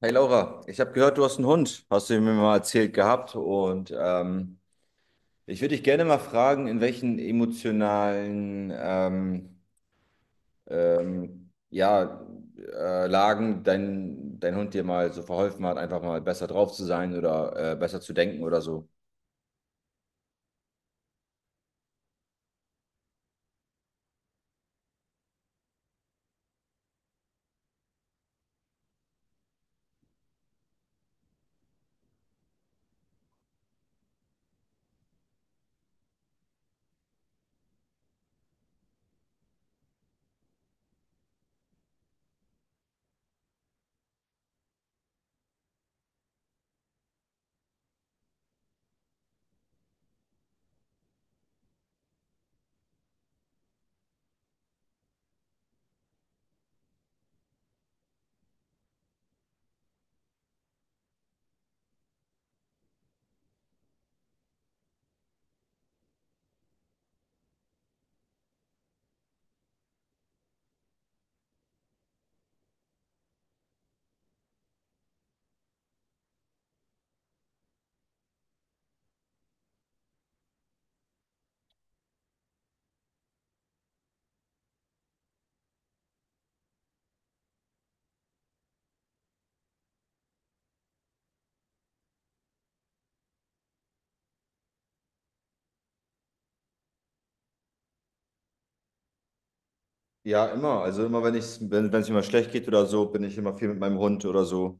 Hey Laura, ich habe gehört, du hast einen Hund, hast du mir mal erzählt gehabt. Ich würde dich gerne mal fragen, in welchen emotionalen ähm, ja, Lagen dein Hund dir mal so verholfen hat, einfach mal besser drauf zu sein oder besser zu denken oder so. Ja, immer. Also immer, wenn ich, wenn, wenn es mir mal schlecht geht oder so, bin ich immer viel mit meinem Hund oder so.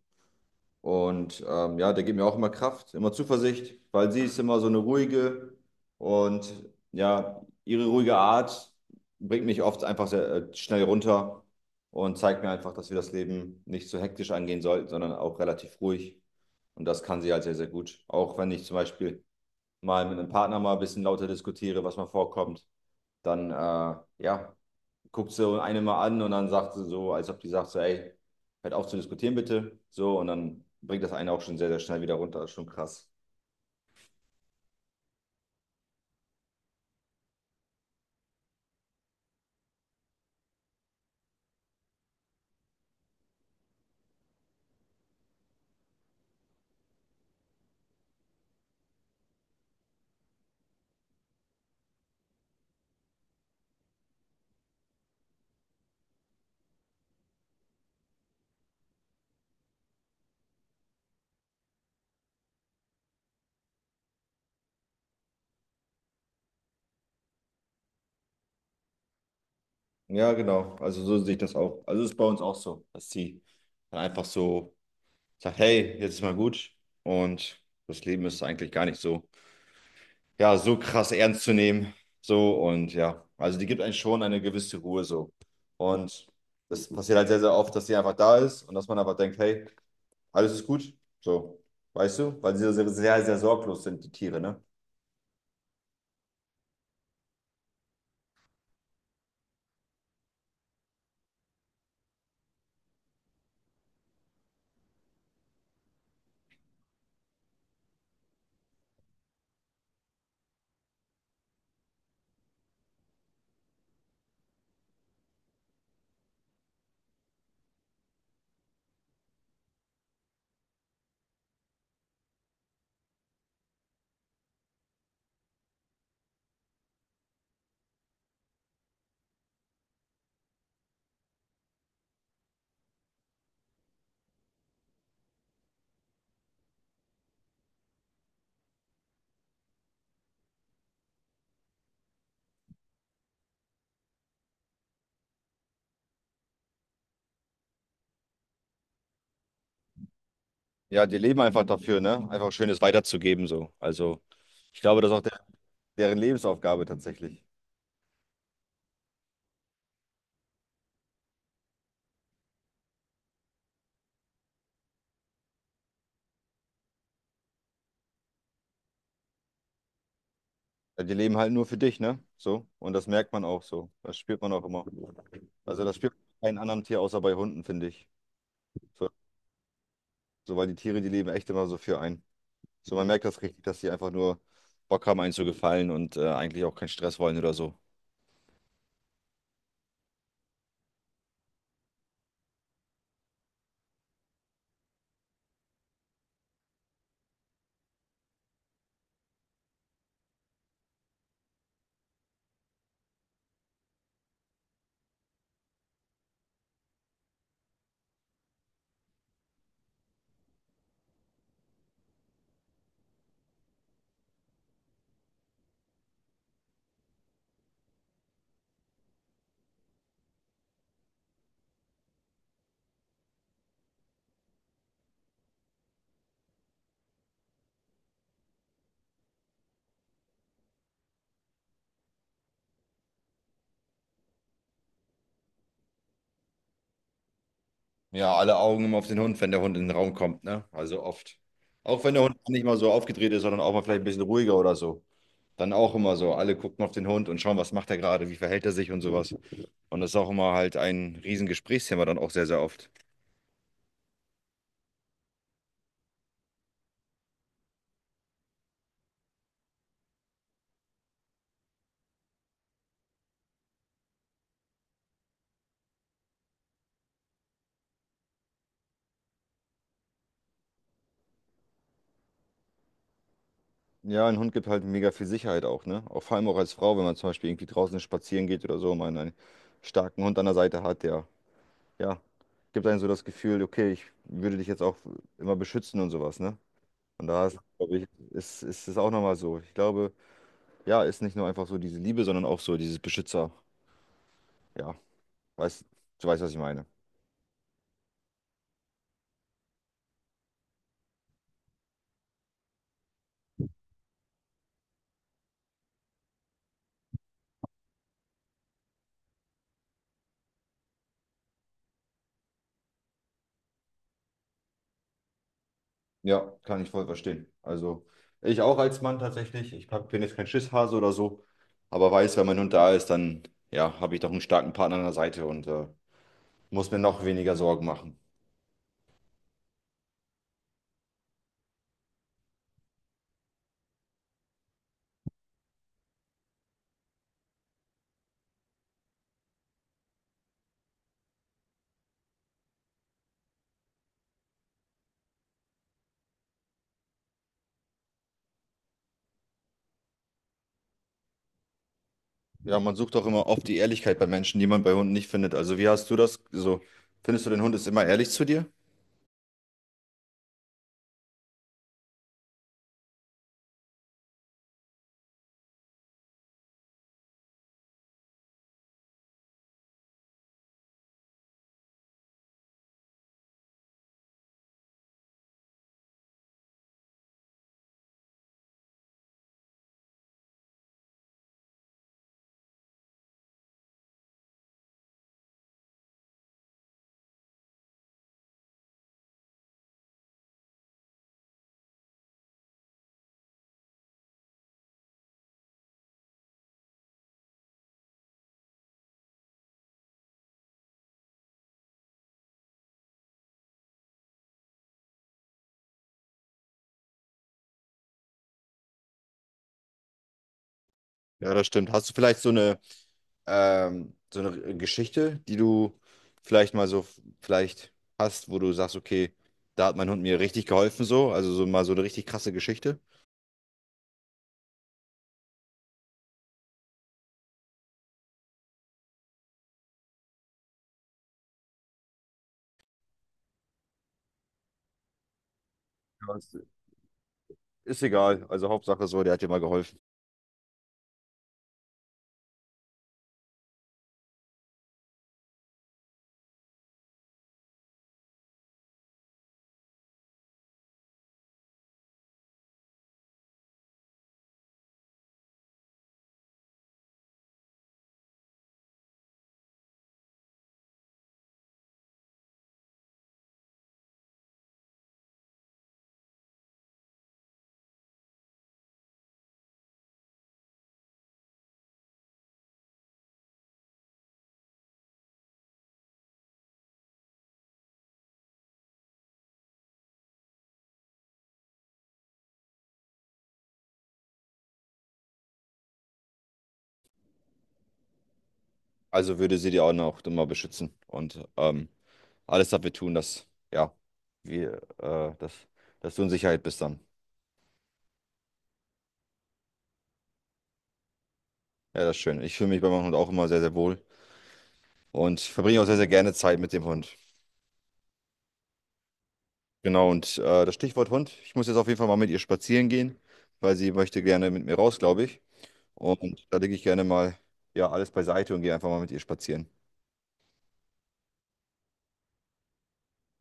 Und ja, der gibt mir auch immer Kraft, immer Zuversicht, weil sie ist immer so eine ruhige und ja, ihre ruhige Art bringt mich oft einfach sehr schnell runter und zeigt mir einfach, dass wir das Leben nicht so hektisch angehen sollten, sondern auch relativ ruhig. Und das kann sie halt sehr, sehr gut. Auch wenn ich zum Beispiel mal mit einem Partner mal ein bisschen lauter diskutiere, was mal vorkommt, dann ja, guckt so eine mal an und dann sagt sie so, als ob die sagt so, ey, hört auf zu diskutieren bitte. So, und dann bringt das eine auch schon sehr, sehr schnell wieder runter. Das ist schon krass. Ja, genau. Also so sehe ich das auch. Also ist bei uns auch so, dass sie dann einfach so sagt, hey, jetzt ist mal gut. Und das Leben ist eigentlich gar nicht so, ja, so krass ernst zu nehmen. So und ja, also die gibt einem schon eine gewisse Ruhe so. Und das passiert halt sehr, sehr oft, dass sie einfach da ist und dass man aber denkt, hey, alles ist gut. So, weißt du? Weil sie sehr, sehr, sehr sorglos sind, die Tiere, ne? Ja, die leben einfach dafür, ne? Einfach Schönes weiterzugeben, so. Also, ich glaube, das ist auch der, deren Lebensaufgabe tatsächlich. Ja, die leben halt nur für dich, ne? So. Und das merkt man auch so. Das spürt man auch immer. Also, das spürt man bei keinem anderen Tier außer bei Hunden, finde ich. So, so, weil die Tiere, die leben echt immer so für einen. So, man merkt das richtig, dass die einfach nur Bock haben, einen zu gefallen und eigentlich auch keinen Stress wollen oder so. Ja, alle Augen immer auf den Hund, wenn der Hund in den Raum kommt, ne? Also oft. Auch wenn der Hund nicht mal so aufgedreht ist, sondern auch mal vielleicht ein bisschen ruhiger oder so. Dann auch immer so. Alle gucken auf den Hund und schauen, was macht er gerade, wie verhält er sich und sowas. Und das ist auch immer halt ein riesen Gesprächsthema dann auch sehr, sehr oft. Ja, ein Hund gibt halt mega viel Sicherheit auch, ne? Auch vor allem auch als Frau, wenn man zum Beispiel irgendwie draußen spazieren geht oder so, und man einen starken Hund an der Seite hat, der, ja, gibt einem so das Gefühl, okay, ich würde dich jetzt auch immer beschützen und sowas, ne? Und da ist, glaube ich, ist es auch nochmal so. Ich glaube, ja, ist nicht nur einfach so diese Liebe, sondern auch so dieses Beschützer. Ja, weißt, du weißt, was ich meine. Ja, kann ich voll verstehen. Also, ich auch als Mann tatsächlich. Bin jetzt kein Schisshase oder so, aber weiß, wenn mein Hund da ist, dann ja, habe ich doch einen starken Partner an der Seite und muss mir noch weniger Sorgen machen. Ja, man sucht auch immer oft die Ehrlichkeit bei Menschen, die man bei Hunden nicht findet. Also, wie hast du das? So, findest du, dein Hund ist immer ehrlich zu dir? Ja, das stimmt. Hast du vielleicht so eine Geschichte, die du vielleicht mal so vielleicht hast, wo du sagst, okay, da hat mein Hund mir richtig geholfen, so, also so mal so eine richtig krasse Geschichte? Ja, ist egal, also Hauptsache so, der hat dir mal geholfen. Also würde sie dir auch noch immer beschützen und alles dafür tun, ja, wir, äh, dass, dass du in Sicherheit bist dann. Ja, das ist schön. Ich fühle mich bei meinem Hund auch immer sehr, sehr wohl und verbringe auch sehr, sehr gerne Zeit mit dem Hund. Genau, und das Stichwort Hund. Ich muss jetzt auf jeden Fall mal mit ihr spazieren gehen, weil sie möchte gerne mit mir raus, glaube ich. Und da lege ich gerne mal ja, alles beiseite und gehe einfach mal mit ihr spazieren.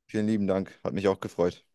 Vielen lieben Dank, hat mich auch gefreut.